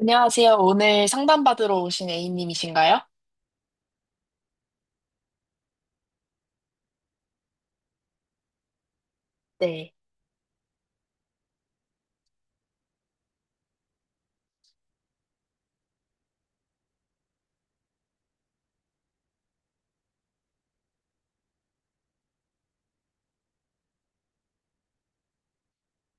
안녕하세요. 오늘 상담받으러 오신 A님이신가요? 네.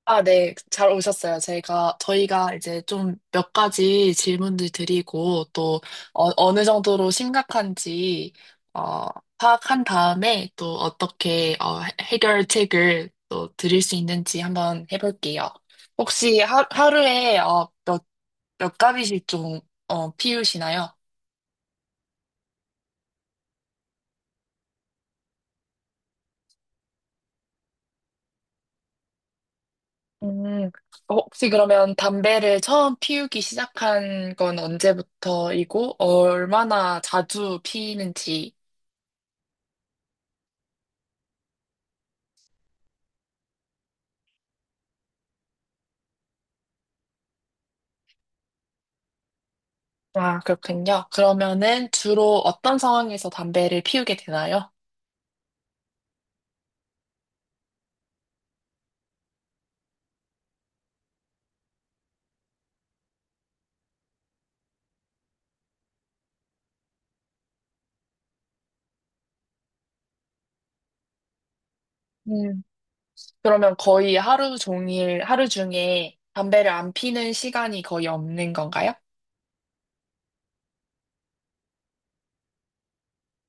아, 네. 잘 오셨어요. 제가, 저희가 이제 좀 몇 가지 질문들 드리고 또 느 정도로 심각한지 어, 파악한 다음에 또 어떻게 해결책을 또 드릴 수 있는지 한번 해볼게요. 혹시 하루에 몇 가지씩 좀 피우시나요? 음, 혹시 그러면 담배를 처음 피우기 시작한 건 언제부터이고, 얼마나 자주 피는지. 아, 그렇군요. 그러면은 주로 어떤 상황에서 담배를 피우게 되나요? 음, 그러면 거의 하루 종일, 하루 중에 담배를 안 피는 시간이 거의 없는 건가요?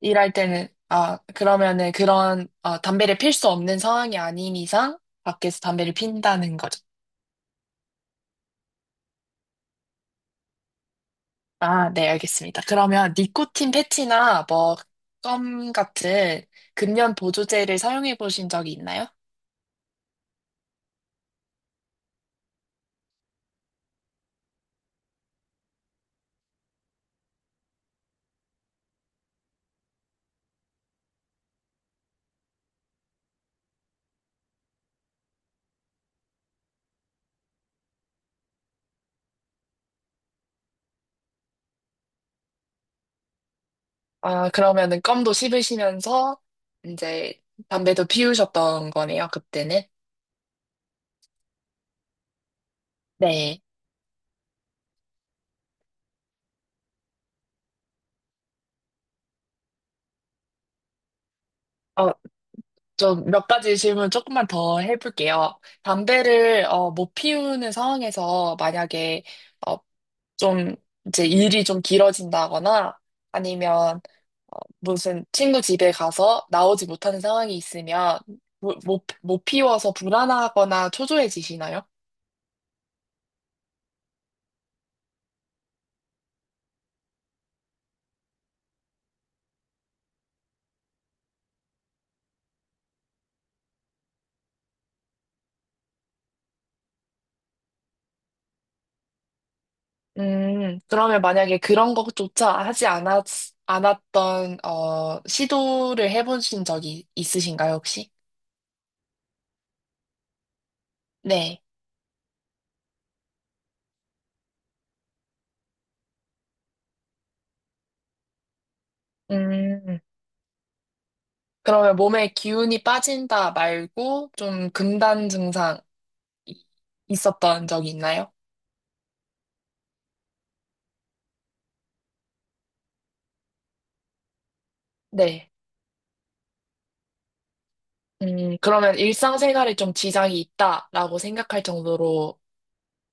일할 때는, 아, 그러면은 그런, 담배를 필 수 없는 상황이 아닌 이상 밖에서 담배를 핀다는 거죠. 아, 네, 알겠습니다. 그러면 니코틴 패치나 뭐, 껌 같은 금연 보조제를 사용해 보신 적이 있나요? 아, 그러면은 껌도 씹으시면서 이제 담배도 피우셨던 거네요, 그때는. 네. 어, 좀 몇 가지 질문 조금만 더 해볼게요. 담배를 못 피우는 상황에서 만약에 어, 좀 이제 일이 좀 길어진다거나 아니면 무슨 친구 집에 가서 나오지 못하는 상황이 있으면 못 피워서 불안하거나 초조해지시나요? 그러면 만약에 그런 것조차 않았던, 시도를 해보신 적이 있으신가요, 혹시? 네. 음, 그러면 몸에 기운이 빠진다 말고 좀 금단 증상 이- 있었던 적이 있나요? 네. 그러면 일상생활에 좀 지장이 있다라고 생각할 정도로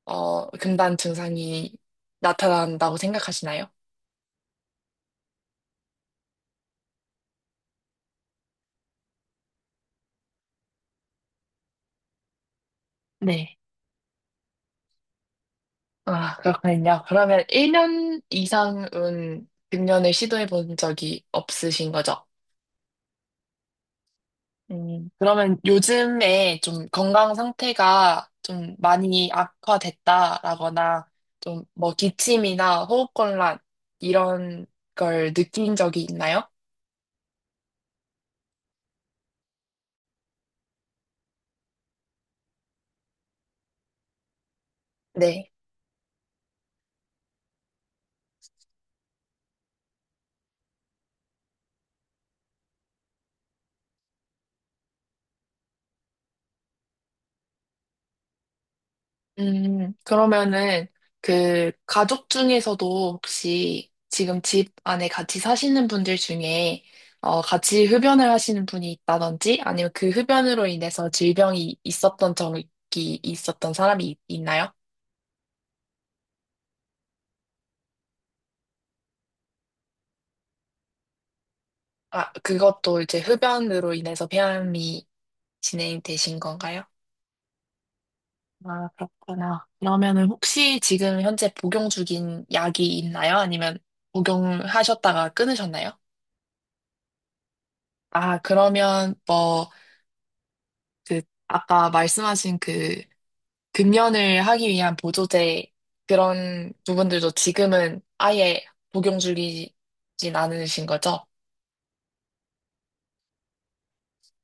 금단 증상이 나타난다고 생각하시나요? 네. 아, 그렇군요. 그러면 1년 이상은 금연을 시도해 본 적이 없으신 거죠? 그러면 요즘에 좀 건강 상태가 좀 많이 악화됐다라거나 좀 뭐 기침이나 호흡곤란 이런 걸 느낀 적이 있나요? 네. 그러면은 그 가족 중에서도 혹시 지금 집 안에 같이 사시는 분들 중에 같이 흡연을 하시는 분이 있다든지 아니면 그 흡연으로 인해서 질병이 있었던 적이 있었던 사람이 있나요? 아, 그것도 이제 흡연으로 인해서 폐암이 진행되신 건가요? 아, 그렇구나. 그러면은 혹시 지금 현재 복용 중인 약이 있나요? 아니면 복용하셨다가 끊으셨나요? 아, 그러면 뭐 그 아까 말씀하신 그 금연을 하기 위한 보조제 그런 부분들도 지금은 아예 복용 중이진 않으신 거죠?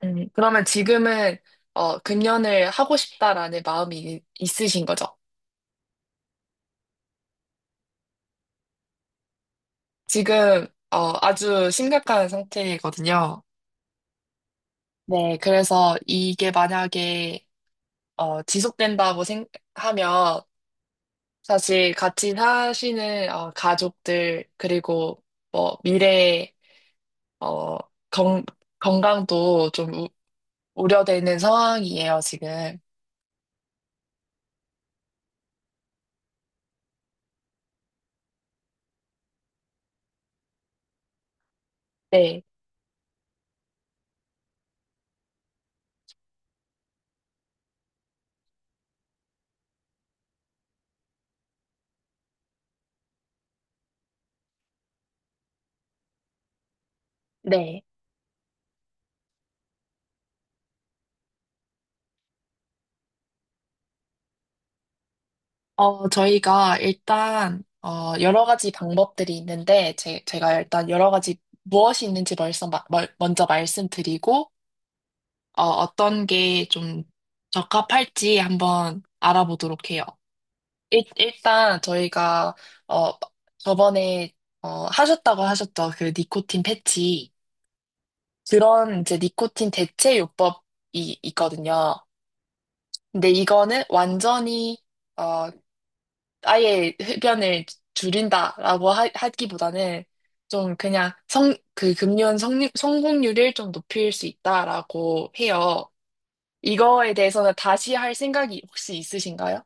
그러면 지금은 금연을 하고 싶다라는 마음이 있으신 거죠? 지금 아주 심각한 상태거든요. 네, 그래서 이게 만약에 지속된다고 생각하면 사실 같이 사시는 가족들 그리고 뭐 미래에 어, 건, 건강도 좀 우려되는 상황이에요, 지금. 네, 네. 어, 저희가 일단, 여러 가지 방법들이 있는데, 제가 일단 여러 가지 무엇이 있는지 벌써 먼저 말씀드리고, 어떤 게 좀 적합할지 한번 알아보도록 해요. 일단 저희가, 어, 저번에, 하셨다고 하셨죠. 그 니코틴 패치. 그런 이제 니코틴 대체 요법이 있거든요. 근데 이거는 완전히 어 아예 흡연을 줄인다라고 하기보다는 좀 그냥 성 그 금연 성 성공률을 좀 높일 수 있다라고 해요. 이거에 대해서는 다시 할 생각이 혹시 있으신가요?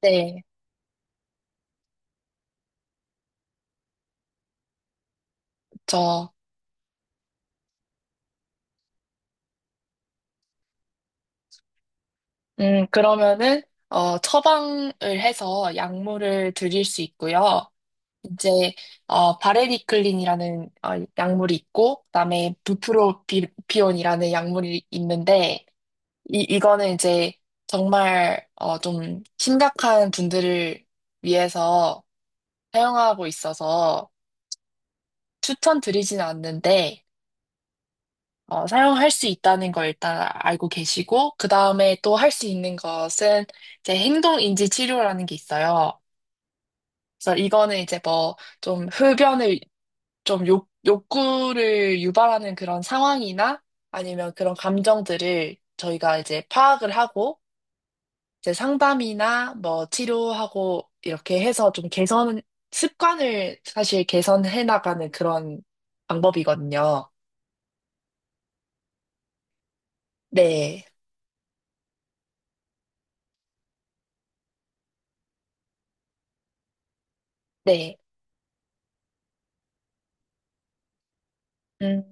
네, 저, 그러면은, 처방을 해서 약물을 드릴 수 있고요. 이제 바레리클린이라는 약물이 있고 그다음에 부프로피온이라는 약물이 있는데 이 이거는 이제 정말 좀 심각한 분들을 위해서 사용하고 있어서 추천드리진 않는데 사용할 수 있다는 걸 일단 알고 계시고 그다음에 또 할 수 있는 것은 이제 행동인지 치료라는 게 있어요. 그래서 이거는 이제 뭐 좀 흡연을 욕구를 유발하는 그런 상황이나 아니면 그런 감정들을 저희가 이제 파악을 하고 이제 상담이나 뭐 치료하고 이렇게 해서 습관을 사실 개선해 나가는 그런 방법이거든요. 네, 네, 음,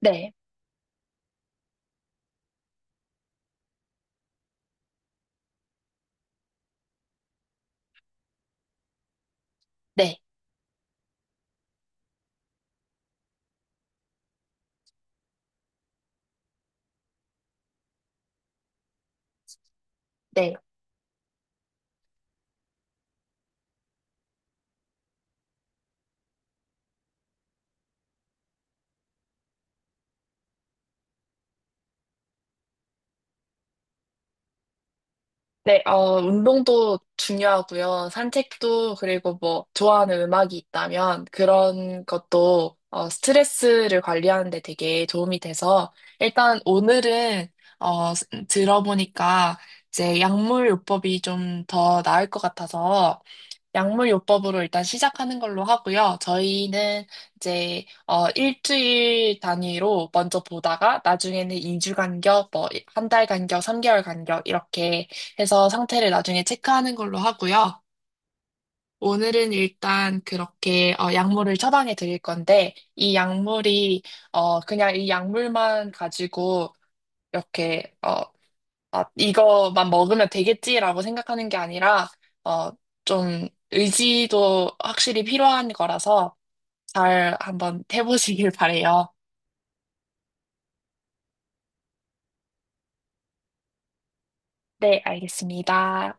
네, 네, 네. 네, 어, 운동도 중요하고요. 산책도, 그리고 뭐, 좋아하는 음악이 있다면, 그런 것도, 스트레스를 관리하는 데 되게 도움이 돼서, 일단 오늘은, 어, 들어보니까, 이제 약물요법이 좀 더 나을 것 같아서, 약물요법으로 일단 시작하는 걸로 하고요. 저희는 이제 일주일 단위로 먼저 보다가 나중에는 2주 간격, 뭐 한 달 간격, 3개월 간격 이렇게 해서 상태를 나중에 체크하는 걸로 하고요. 오늘은 일단 그렇게 약물을 처방해 드릴 건데 이 약물이 그냥 이 약물만 가지고 이렇게 어, 아, 이거만 먹으면 되겠지라고 생각하는 게 아니라 어, 좀 의지도 확실히 필요한 거라서 잘 한번 해보시길 바래요. 네, 알겠습니다.